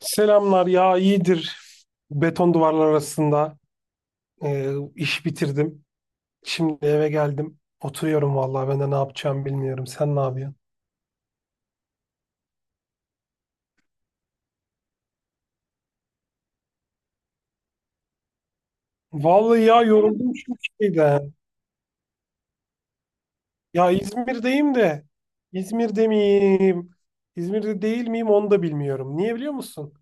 Selamlar ya, iyidir. Beton duvarlar arasında iş bitirdim. Şimdi eve geldim. Oturuyorum, vallahi ben de ne yapacağım bilmiyorum. Sen ne yapıyorsun? Vallahi ya, yoruldum çünkü şeyden. Ya İzmir'deyim de. İzmir'de miyim? İzmir'de değil miyim, onu da bilmiyorum. Niye biliyor musun?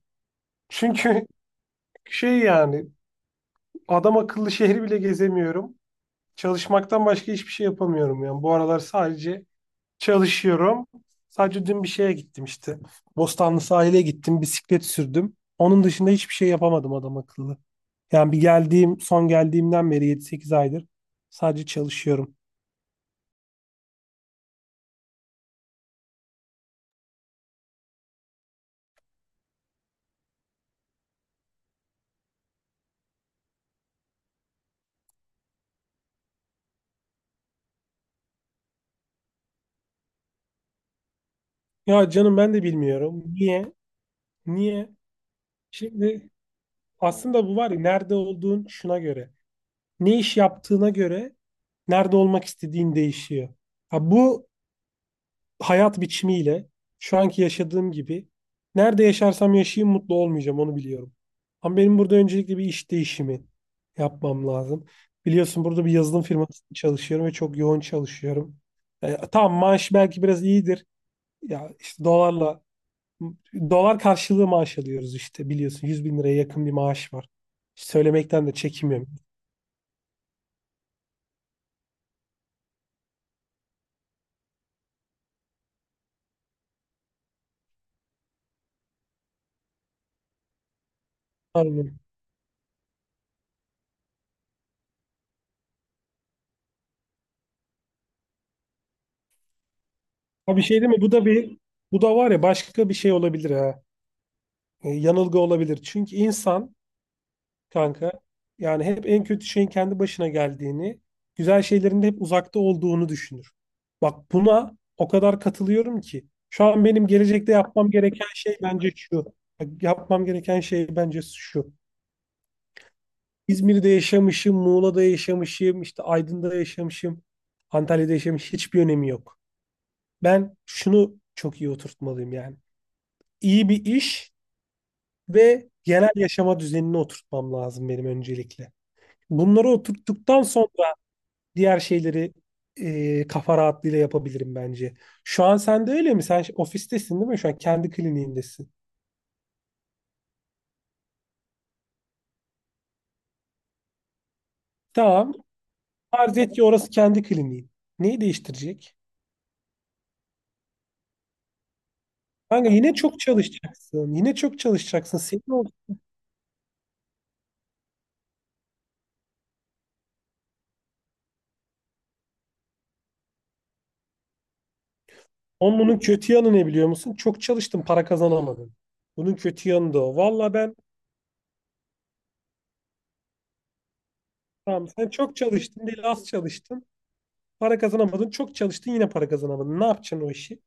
Çünkü şey yani, adam akıllı şehri bile gezemiyorum. Çalışmaktan başka hiçbir şey yapamıyorum yani. Bu aralar sadece çalışıyorum. Sadece dün bir şeye gittim işte. Bostanlı sahile gittim, bisiklet sürdüm. Onun dışında hiçbir şey yapamadım adam akıllı. Yani son geldiğimden beri 7-8 aydır sadece çalışıyorum. Ya canım, ben de bilmiyorum. Niye? Niye? Şimdi aslında bu var ya, nerede olduğun şuna göre. Ne iş yaptığına göre nerede olmak istediğin değişiyor. Ha, bu hayat biçimiyle, şu anki yaşadığım gibi, nerede yaşarsam yaşayayım mutlu olmayacağım, onu biliyorum. Ama benim burada öncelikle bir iş değişimi yapmam lazım. Biliyorsun, burada bir yazılım firmasında çalışıyorum ve çok yoğun çalışıyorum. Tamam, maaş belki biraz iyidir. Ya işte dolar karşılığı maaş alıyoruz işte, biliyorsun, 100.000 liraya yakın bir maaş var. Söylemekten de çekinmiyorum. Aynen. Ha, bir şey değil mi? Bu da var ya, başka bir şey olabilir ha. Yanılgı olabilir. Çünkü insan kanka. Yani hep en kötü şeyin kendi başına geldiğini, güzel şeylerin de hep uzakta olduğunu düşünür. Bak, buna o kadar katılıyorum ki. Şu an benim gelecekte yapmam gereken şey bence şu. Bak, yapmam gereken şey bence şu. İzmir'de yaşamışım, Muğla'da yaşamışım, işte Aydın'da yaşamışım, Antalya'da yaşamış, hiçbir önemi yok. Ben şunu çok iyi oturtmalıyım yani. İyi bir iş ve genel yaşama düzenini oturtmam lazım benim öncelikle. Bunları oturttuktan sonra diğer şeyleri kafa rahatlığıyla yapabilirim bence. Şu an sen de öyle mi? Sen ofistesin değil mi? Şu an kendi kliniğindesin. Tamam. Farz et ki orası kendi kliniğin. Neyi değiştirecek? Kanka yine çok çalışacaksın. Yine çok çalışacaksın. Onun bunun kötü yanı ne biliyor musun? Çok çalıştın, para kazanamadın. Bunun kötü yanı da o. Valla ben Tamam, sen çok çalıştın değil, az çalıştın. Para kazanamadın. Çok çalıştın, yine para kazanamadın. Ne yapacaksın o işi?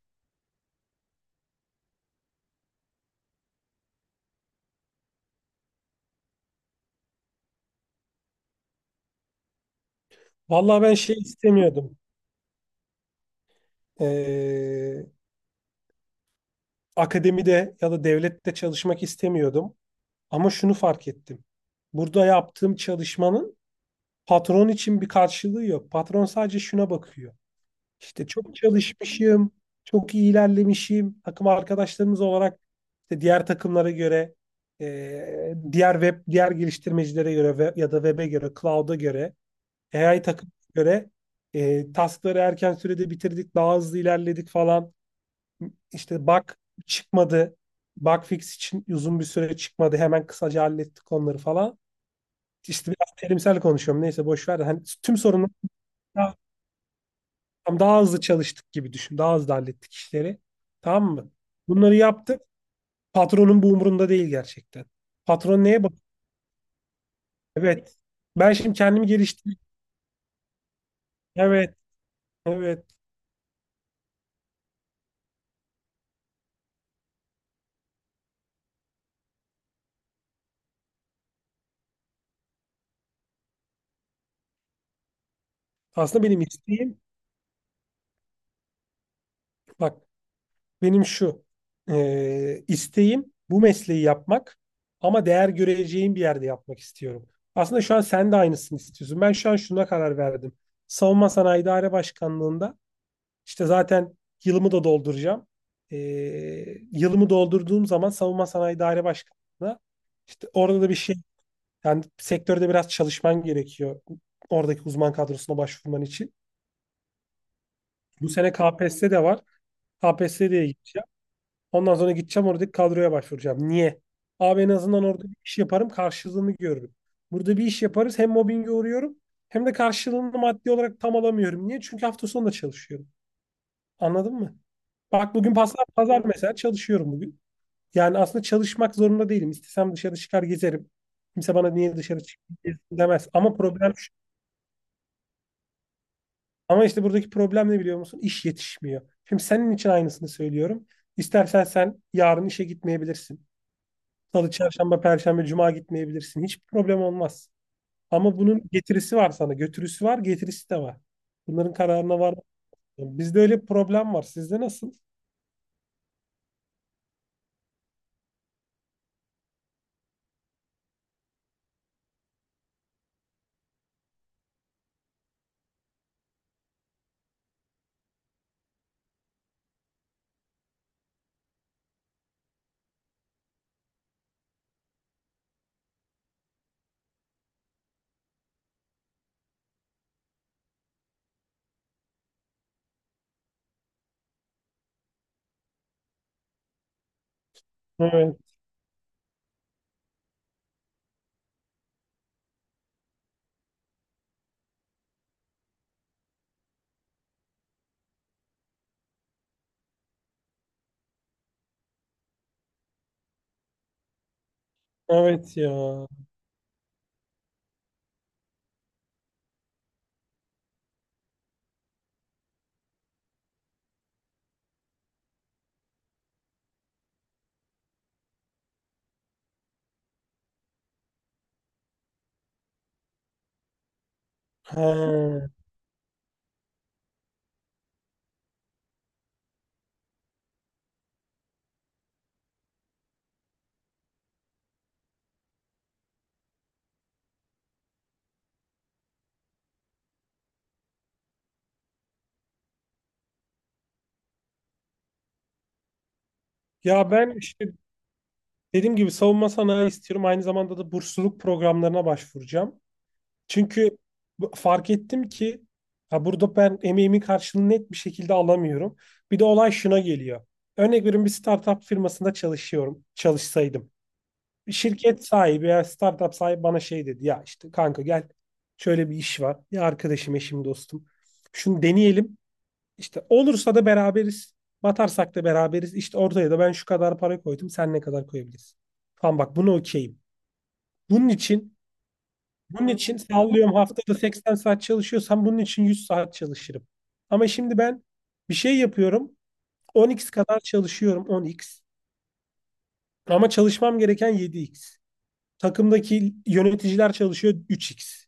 Valla ben şey istemiyordum. Ee, akademide ya da devlette çalışmak istemiyordum. Ama şunu fark ettim. Burada yaptığım çalışmanın patron için bir karşılığı yok. Patron sadece şuna bakıyor. İşte çok çalışmışım, çok iyi ilerlemişim. Takım arkadaşlarımız olarak işte diğer takımlara göre, diğer web, diğer geliştirmecilere göre ya da web'e göre, cloud'a göre, AI takım göre, taskları erken sürede bitirdik, daha hızlı ilerledik falan. İşte bug çıkmadı. Bug fix için uzun bir süre çıkmadı. Hemen kısaca hallettik onları falan. İşte biraz terimsel konuşuyorum. Neyse, boş ver de. Hani tüm sorunları daha, daha hızlı çalıştık gibi düşün. Daha hızlı hallettik işleri. Tamam mı? Bunları yaptık. Patronun bu umurunda değil gerçekten. Patron neye bakıyor? Evet. Ben şimdi kendimi geliştireyim. Evet. Evet. Aslında benim isteğim, bak, benim şu isteğim, bu mesleği yapmak, ama değer göreceğim bir yerde yapmak istiyorum. Aslında şu an sen de aynısını istiyorsun. Ben şu an şuna karar verdim. Savunma Sanayi İdare Başkanlığı'nda işte zaten yılımı da dolduracağım. E, yılımı doldurduğum zaman Savunma Sanayi İdare Başkanlığı'na, işte orada da bir şey, yani sektörde biraz çalışman gerekiyor. Oradaki uzman kadrosuna başvurman için. Bu sene KPSS de var. KPSS diye gideceğim. Ondan sonra gideceğim, oradaki kadroya başvuracağım. Niye? Abi, en azından orada bir iş yaparım, karşılığını görürüm. Burada bir iş yaparız, hem mobbinge uğruyorum hem de karşılığını maddi olarak tam alamıyorum. Niye? Çünkü hafta sonu da çalışıyorum. Anladın mı? Bak, bugün pazar, pazar mesela çalışıyorum bugün. Yani aslında çalışmak zorunda değilim. İstesem dışarı çıkar, gezerim. Kimse bana niye dışarı çık, gez demez. Ama problem şu. Ama işte buradaki problem ne biliyor musun? İş yetişmiyor. Şimdi senin için aynısını söylüyorum. İstersen sen yarın işe gitmeyebilirsin. Salı, çarşamba, perşembe, cuma gitmeyebilirsin. Hiçbir problem olmaz. Ama bunun getirisi var sana. Götürüsü var, getirisi de var. Bunların kararına var. Bizde öyle bir problem var. Sizde nasıl? Evet. Evet ya. Ha. Ya ben işte, dediğim gibi, savunma sanayi istiyorum. Aynı zamanda da bursluluk programlarına başvuracağım. Çünkü fark ettim ki, ha, burada ben emeğimin karşılığını net bir şekilde alamıyorum. Bir de olay şuna geliyor. Örnek veriyorum, bir startup firmasında çalışıyorum. Çalışsaydım, bir şirket sahibi ya startup sahibi bana şey dedi ya: işte kanka, gel, şöyle bir iş var ya, arkadaşım, eşim, dostum, şunu deneyelim, işte olursa da beraberiz, batarsak da beraberiz, işte ortaya da ben şu kadar para koydum, sen ne kadar koyabilirsin falan, bak buna okeyim. Bunun için bunun için sallıyorum, haftada 80 saat çalışıyorsam bunun için 100 saat çalışırım. Ama şimdi ben bir şey yapıyorum, 10x kadar çalışıyorum, 10x, ama çalışmam gereken 7x. Takımdaki yöneticiler çalışıyor 3x,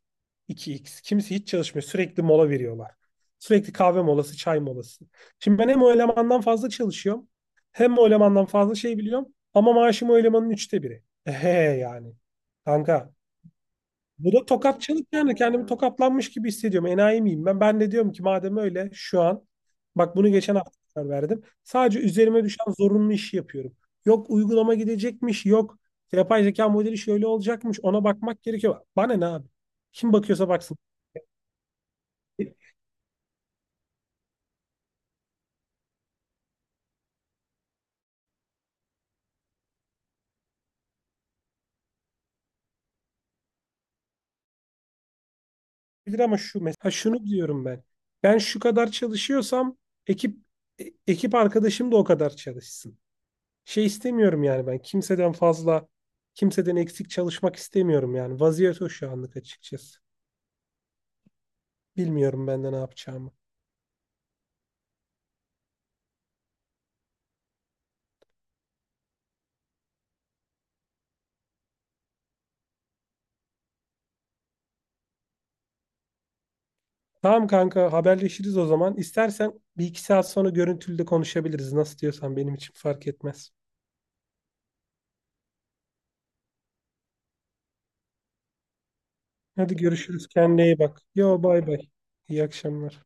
2x. Kimisi hiç çalışmıyor. Sürekli mola veriyorlar. Sürekli kahve molası, çay molası. Şimdi ben hem o elemandan fazla çalışıyorum, hem o elemandan fazla şey biliyorum, ama maaşım o elemanın üçte biri. Ehe yani. Kanka, bu da tokatçılık, yani kendimi tokatlanmış gibi hissediyorum. Enayi miyim ben? Ben de diyorum ki madem öyle, şu an, bak, bunu geçen hafta karar verdim. Sadece üzerime düşen zorunlu işi yapıyorum. Yok uygulama gidecekmiş, yok yapay zeka modeli şöyle olacakmış. Ona bakmak gerekiyor. Bana ne abi? Kim bakıyorsa baksın. Bilir ama şu mesela, şunu diyorum ben. Ben şu kadar çalışıyorsam, ekip ekip arkadaşım da o kadar çalışsın. Şey istemiyorum yani, ben kimseden fazla, kimseden eksik çalışmak istemiyorum yani. Vaziyet o şu anlık, açıkçası. Bilmiyorum ben de ne yapacağımı. Tamam kanka, haberleşiriz o zaman. İstersen bir iki saat sonra görüntülü de konuşabiliriz. Nasıl diyorsan, benim için fark etmez. Hadi görüşürüz. Kendine iyi bak. Yo, bay bay. İyi akşamlar.